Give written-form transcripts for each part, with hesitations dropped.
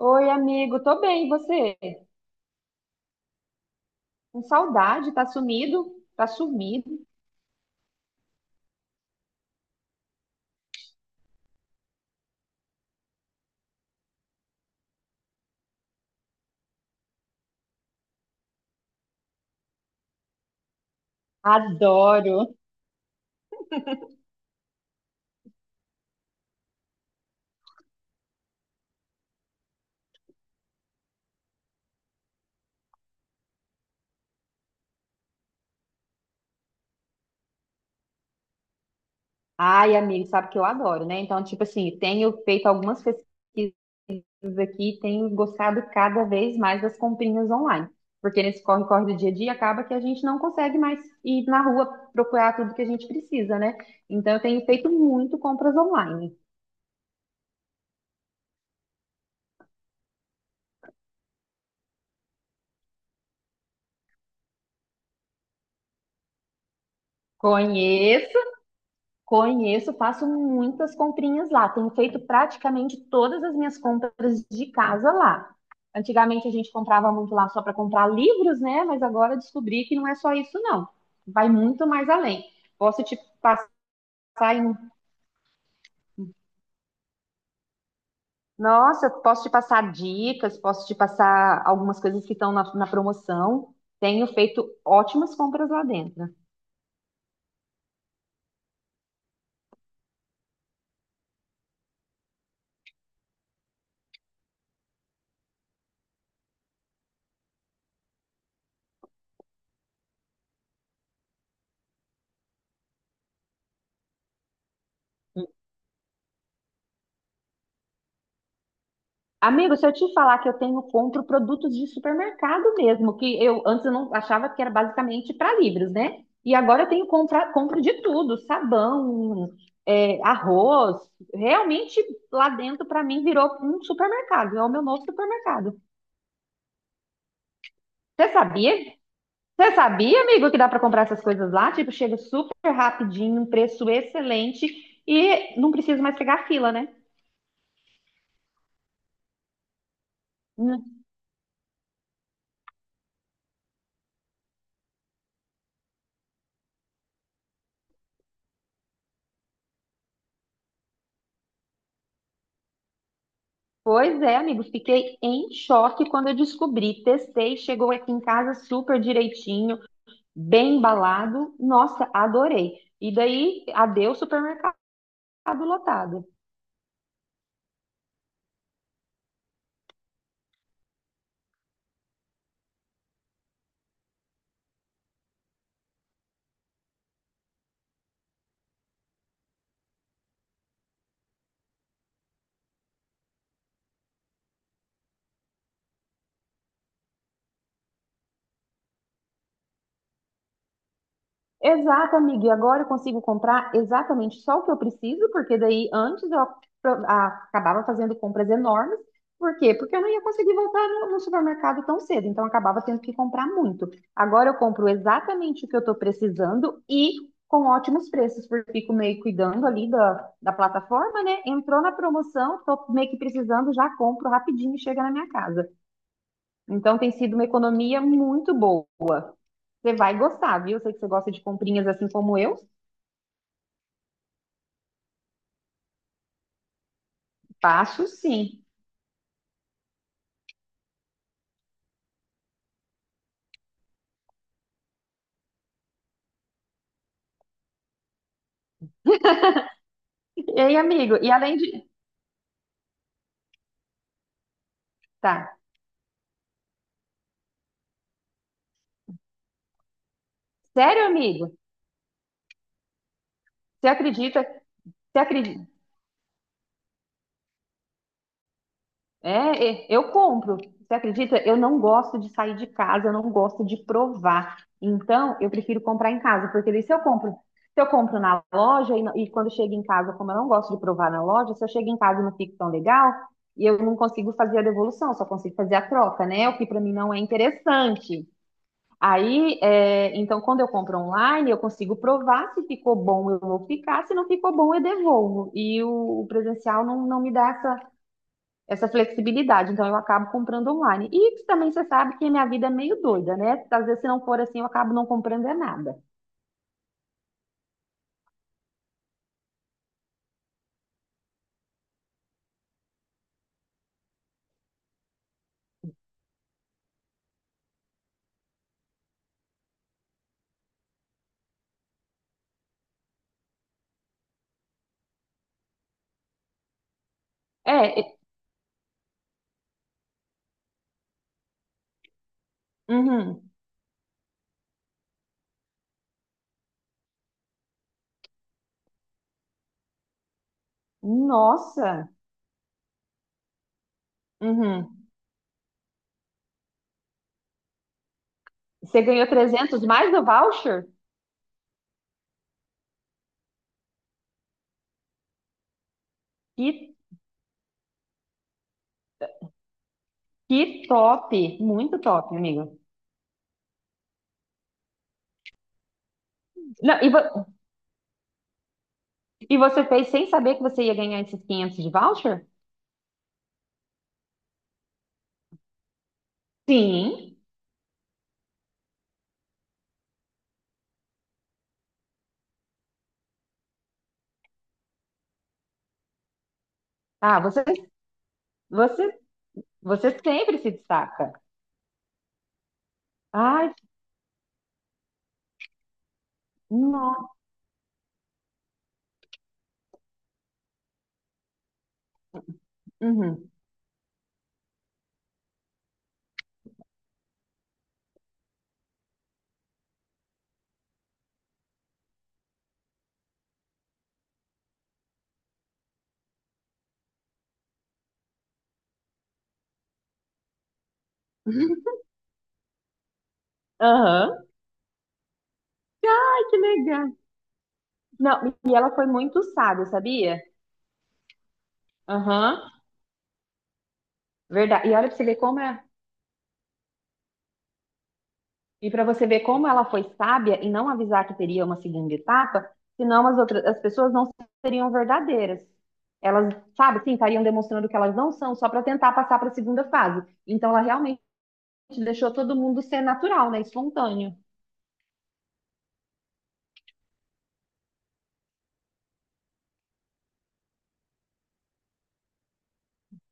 Oi, amigo, tô bem, e você? Com saudade, tá sumido? Tá sumido. Adoro. Ai, amigo, sabe que eu adoro, né? Então, tipo assim, tenho feito algumas pesquisas aqui, tenho gostado cada vez mais das comprinhas online. Porque nesse corre-corre do dia a dia acaba que a gente não consegue mais ir na rua procurar tudo que a gente precisa, né? Então, eu tenho feito muito compras online. Conheço. Conheço, faço muitas comprinhas lá. Tenho feito praticamente todas as minhas compras de casa lá. Antigamente a gente comprava muito lá só para comprar livros, né? Mas agora eu descobri que não é só isso, não. Vai muito mais além. Posso te passar em... Nossa, posso te passar dicas, posso te passar algumas coisas que estão na promoção. Tenho feito ótimas compras lá dentro. Amigo, se eu te falar que eu tenho compro produtos de supermercado mesmo, que eu antes eu não achava que era basicamente para livros, né? E agora eu tenho compra, compro de tudo, sabão, arroz. Realmente lá dentro para mim virou um supermercado, é o meu novo supermercado. Você sabia? Você sabia, amigo, que dá para comprar essas coisas lá? Tipo, chega super rapidinho, um preço excelente e não preciso mais pegar fila, né? Pois é, amigo, fiquei em choque quando eu descobri. Testei, chegou aqui em casa super direitinho, bem embalado. Nossa, adorei. E daí, adeus supermercado lotado. Exato, amiga. E agora eu consigo comprar exatamente só o que eu preciso, porque daí antes eu acabava fazendo compras enormes. Por quê? Porque eu não ia conseguir voltar no supermercado tão cedo, então eu acabava tendo que comprar muito. Agora eu compro exatamente o que eu estou precisando e com ótimos preços, porque eu fico meio cuidando ali da plataforma, né? Entrou na promoção, estou meio que precisando, já compro rapidinho e chega na minha casa. Então tem sido uma economia muito boa. Você vai gostar, viu? Eu sei que você gosta de comprinhas assim como eu. Faço sim. Ei, amigo, e além de. Tá. Sério, amigo? Você acredita? Você acredita? Eu compro. Você acredita? Eu não gosto de sair de casa, eu não gosto de provar. Então, eu prefiro comprar em casa, porque daí se eu compro na loja e, não- e quando chego em casa, como eu não gosto de provar na loja, se eu chego em casa e não fico tão legal, e eu não consigo fazer a devolução, eu só consigo fazer a troca, né? O que para mim não é interessante. Então, quando eu compro online, eu consigo provar se ficou bom, eu vou ficar, se não ficou bom, eu devolvo. E o presencial não, não me dá essa flexibilidade, então eu acabo comprando online. E também você sabe que a minha vida é meio doida, né? Às vezes, se não for assim, eu acabo não comprando é nada. É, é, uhum. Nossa, uhum. Você ganhou 300 mais do voucher? Que, que top, muito top, amigo. Não, e, vo- E você fez sem saber que você ia ganhar esses 500 de voucher? Sim. Ah, você, você, você sempre se destaca. Ai, nossa. Uhum. Aham. Ai, que legal. Não, e ela foi muito sábia, sabia? Aham. Verdade. E olha pra você ver como é. E para você ver como ela foi sábia em não avisar que teria uma segunda etapa, senão as pessoas não seriam verdadeiras. Elas, sabe, sim, estariam demonstrando que elas não são só para tentar passar para a segunda fase. Então ela realmente deixou todo mundo ser natural, né? Espontâneo.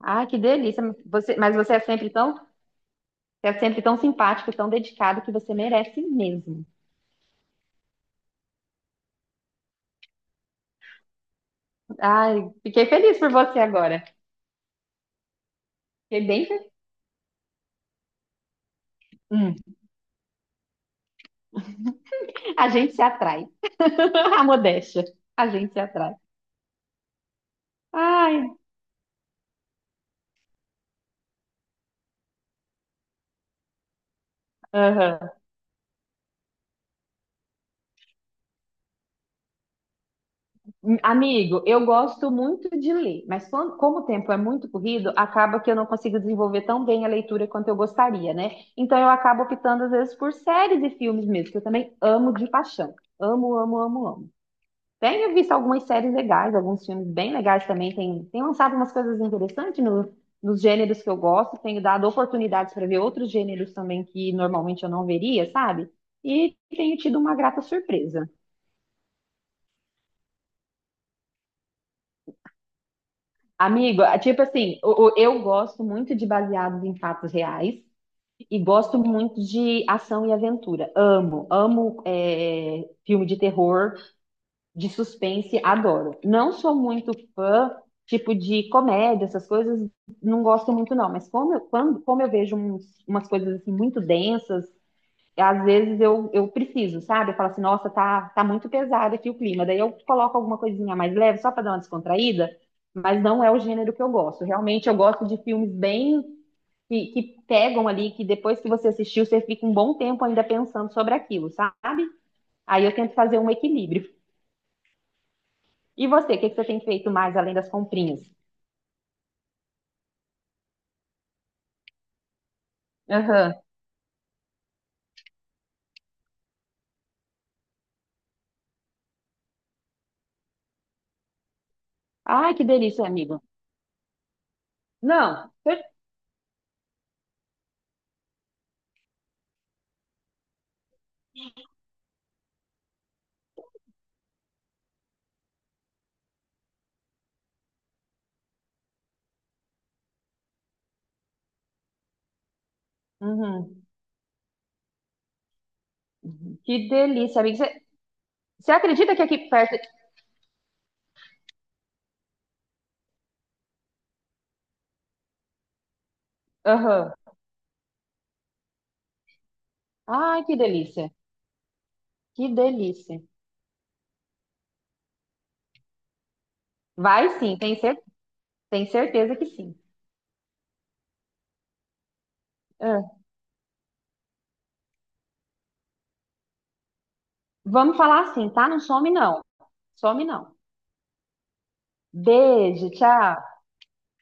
Ah, que delícia. Mas você é sempre tão, você é sempre tão simpático, tão dedicado que você merece mesmo. Ai, fiquei feliz por você agora. Fiquei bem feliz. Hum, a gente se atrai. A modéstia. A gente se atrai. Ai, aham. Amigo, eu gosto muito de ler, mas como o tempo é muito corrido, acaba que eu não consigo desenvolver tão bem a leitura quanto eu gostaria, né? Então eu acabo optando às vezes por séries e filmes mesmo, que eu também amo de paixão. Amo, amo, amo, amo. Tenho visto algumas séries legais, alguns filmes bem legais também. Tem lançado umas coisas interessantes nos gêneros que eu gosto. Tenho dado oportunidades para ver outros gêneros também que normalmente eu não veria, sabe? E tenho tido uma grata surpresa. Amigo, eu gosto muito de baseados em fatos reais e gosto muito de ação e aventura. Amo, filme de terror. De suspense, adoro. Não sou muito fã, tipo, de comédia, essas coisas, não gosto muito, não. Mas como eu vejo umas coisas assim muito densas, às vezes eu preciso, sabe? Eu falo assim, nossa, tá muito pesado aqui o clima. Daí eu coloco alguma coisinha mais leve, só para dar uma descontraída, mas não é o gênero que eu gosto. Realmente eu gosto de filmes bem. Que pegam ali, que depois que você assistiu, você fica um bom tempo ainda pensando sobre aquilo, sabe? Aí eu tento fazer um equilíbrio. E você, o que que você tem feito mais além das comprinhas? Aham. Ai, que delícia, amigo. Não, cer- Uhum. Que delícia, amigo. Você acredita que aqui perto. Aham. Ai, que delícia. Que delícia. Vai sim, tem, cer... tem certeza que sim. Ah, vamos falar assim, tá? Não some, não. Some, não. Beijo, tchau.